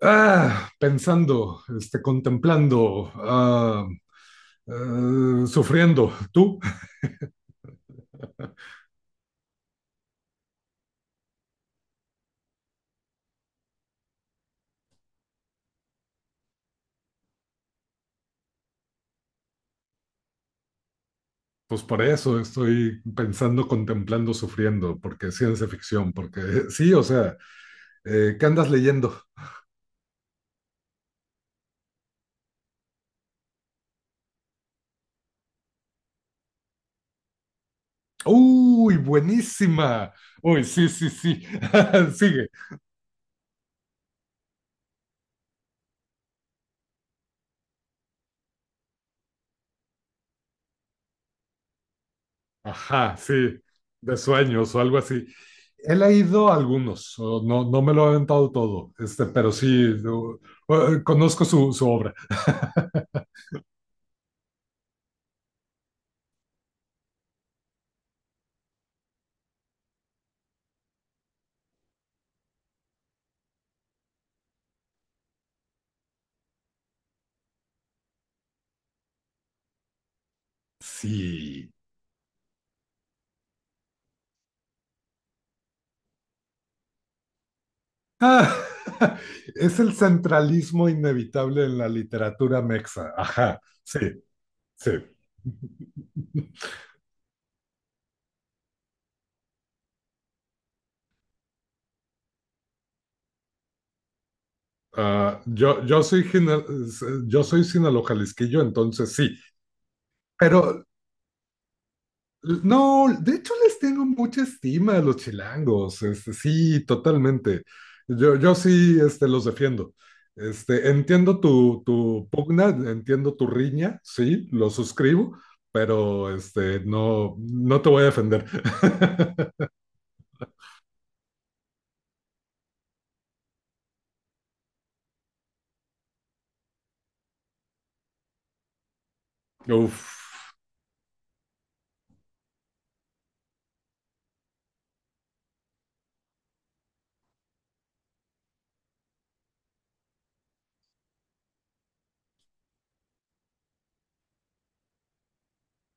Ah, pensando, este, contemplando, sufriendo. ¿Tú? Pues por eso estoy pensando, contemplando, sufriendo, porque es ciencia ficción, porque sí, o sea, ¿qué andas leyendo? ¡Uy, buenísima! Uy, sí, sí, sí. Sigue. Ajá, sí, de sueños o algo así. He leído algunos, o no, no me lo he aventado todo, este, pero sí, conozco su obra. Sí. Ah, es el centralismo inevitable en la literatura mexa. Ajá, sí, sí. Ah, yo soy sinaloa-jalisquillo, entonces sí. Pero no, de hecho les tengo mucha estima a los chilangos. Este, sí, totalmente. Yo sí, este, los defiendo. Este, entiendo tu pugna, entiendo tu riña, sí, lo suscribo, pero este, no, no te voy a defender. Uf,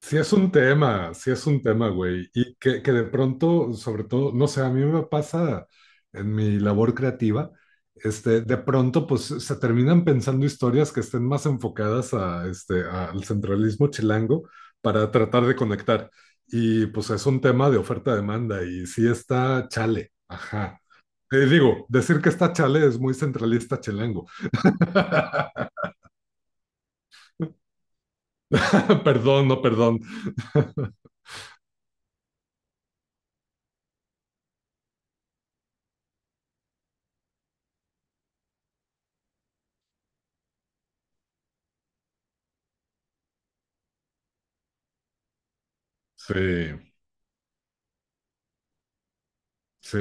sí es un tema, sí es un tema, güey. Y que de pronto, sobre todo, no sé, a mí me pasa en mi labor creativa, este, de pronto, pues se terminan pensando historias que estén más enfocadas a, este, al centralismo chilango para tratar de conectar. Y pues es un tema de oferta-demanda y sí está chale, ajá. Te digo, decir que está chale es muy centralista chilango. Perdón, no, perdón. Sí, sí.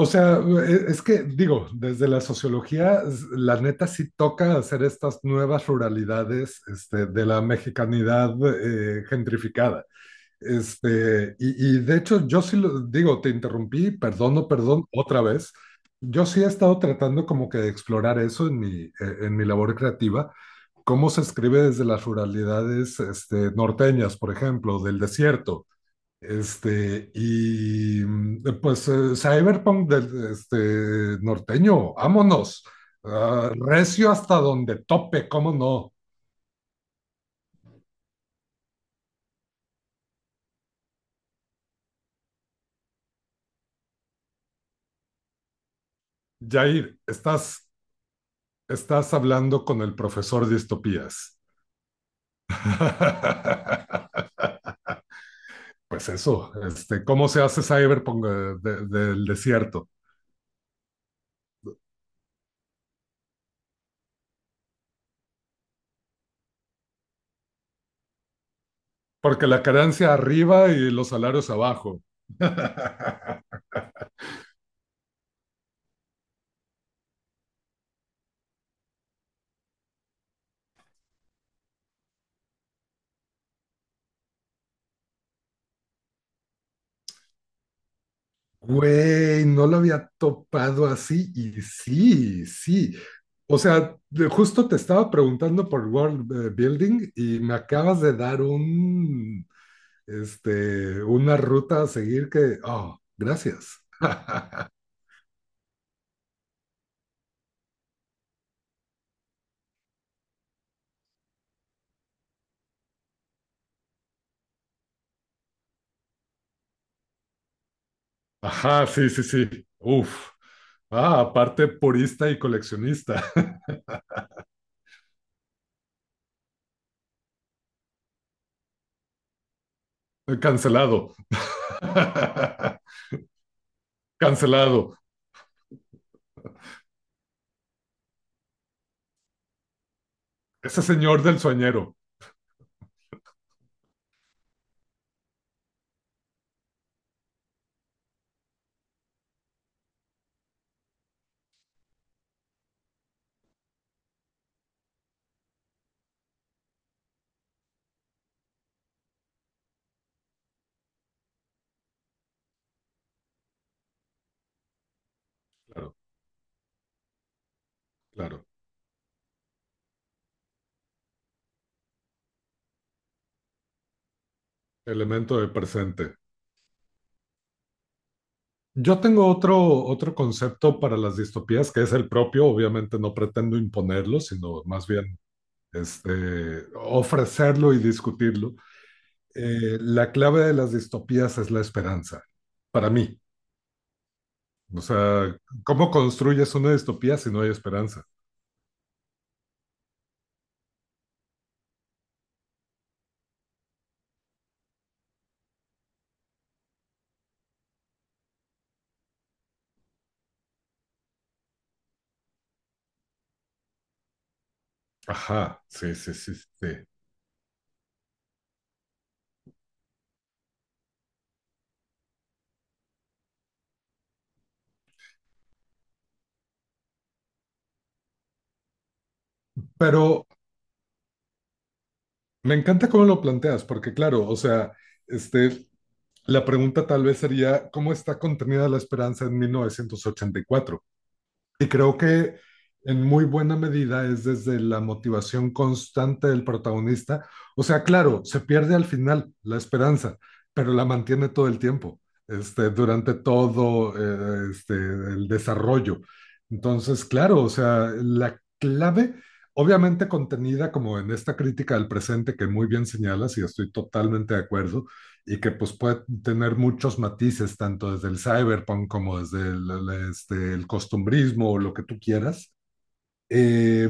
O sea, es que digo, desde la sociología, la neta sí toca hacer estas nuevas ruralidades este, de la mexicanidad gentrificada. Este, y de hecho, yo sí lo digo, te interrumpí, perdón, no perdón, otra vez. Yo sí he estado tratando como que de explorar eso en mi labor creativa, cómo se escribe desde las ruralidades este, norteñas, por ejemplo, del desierto. Este, y pues Cyberpunk del este, norteño, vámonos. Ah, recio hasta donde tope, ¿cómo no? Jair, estás hablando con el profesor de distopías. Pues eso, este, ¿cómo se hace Cyberpunk del desierto? Porque la carencia arriba y los salarios abajo. Güey, no lo había topado así y sí, sí. O sea, justo te estaba preguntando por World Building y me acabas de dar una ruta a seguir que, oh, gracias. Ajá, sí, sí, sí. Uf. Ah, aparte purista y coleccionista. Cancelado. Cancelado. Ese señor del sueñero. Claro, claro. Elemento de presente. Yo tengo otro, otro concepto para las distopías que es el propio. Obviamente no pretendo imponerlo, sino más bien este, ofrecerlo y discutirlo. La clave de las distopías es la esperanza, para mí. O sea, ¿cómo construyes una distopía si no hay esperanza? Ajá, sí, sí, sí, sí. Pero me encanta cómo lo planteas, porque claro, o sea, este, la pregunta tal vez sería, ¿cómo está contenida la esperanza en 1984? Y creo que en muy buena medida es desde la motivación constante del protagonista. O sea, claro, se pierde al final la esperanza, pero la mantiene todo el tiempo, este, durante todo este, el desarrollo. Entonces, claro, o sea, la clave, obviamente contenida como en esta crítica al presente que muy bien señalas y estoy totalmente de acuerdo, y que pues puede tener muchos matices, tanto desde el cyberpunk como desde el costumbrismo o lo que tú quieras. Eh,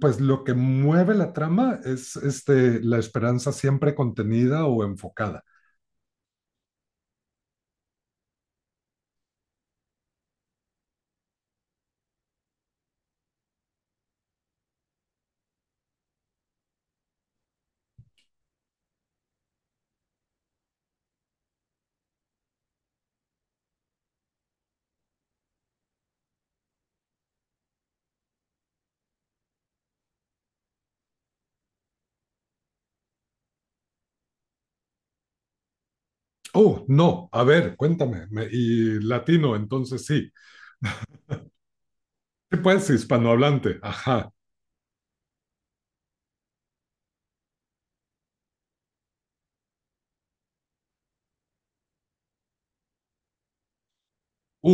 pues lo que mueve la trama es este, la esperanza siempre contenida o enfocada. Oh, no, a ver, cuéntame. Y latino, entonces sí. ¿Qué pues, hispanohablante? Ajá.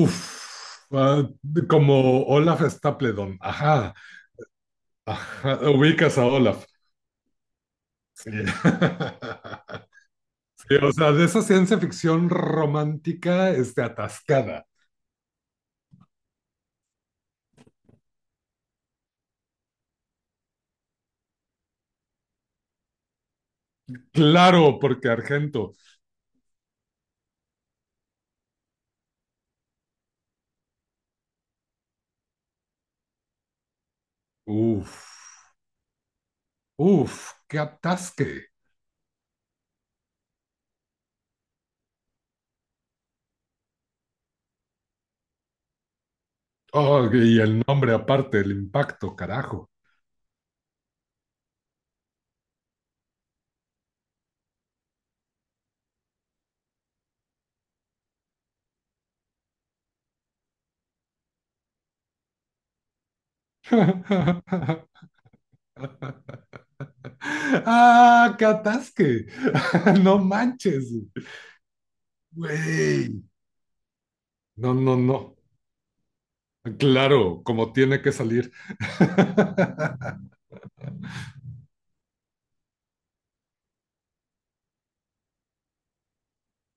Uff. Uh, como Olaf Stapledon. Ajá. Ajá. Ubicas a Olaf. Sí. Sí, o sea, de esa ciencia ficción romántica este, atascada. Claro, porque Argento. Uf, uf, qué atasque. Oh, y el nombre aparte, el impacto, carajo. Ah, qué atasque. No manches. Güey. No, no, no. Claro, como tiene que salir.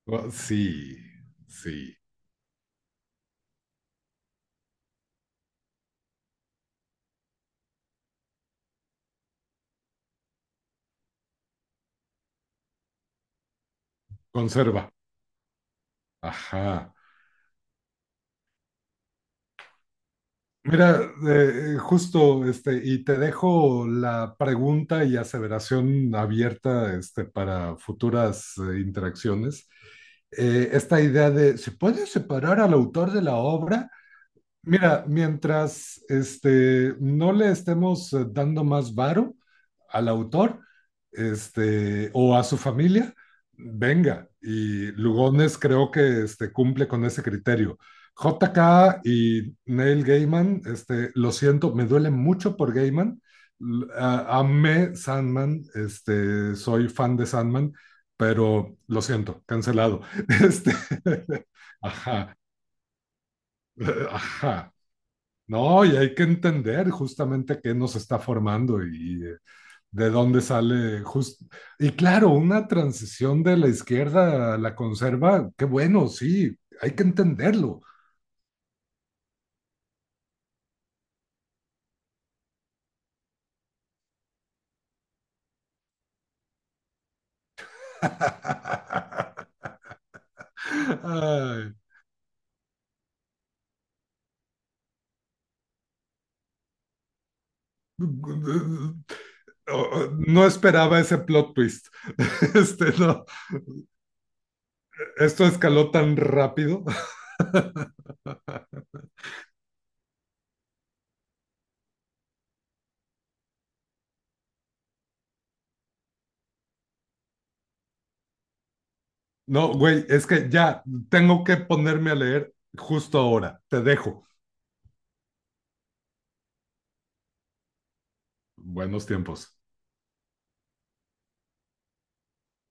Oh, sí, sí. Conserva. Ajá. Mira, justo, este, y te dejo la pregunta y aseveración abierta, este, para futuras interacciones. Esta idea de, ¿se puede separar al autor de la obra? Mira, mientras este, no le estemos dando más varo al autor este, o a su familia, venga. Y Lugones creo que este, cumple con ese criterio. JK y Neil Gaiman, este, lo siento, me duele mucho por Gaiman. Amé Sandman, este, soy fan de Sandman, pero lo siento, cancelado. Este, ajá, ajá. No, y hay que entender justamente qué nos está formando y de dónde sale just- Y claro, una transición de la izquierda a la conserva, qué bueno, sí, hay que entenderlo. Ay, oh, no esperaba ese plot twist. Este, no, esto escaló tan rápido. No, güey, es que ya tengo que ponerme a leer justo ahora. Te dejo. Buenos tiempos.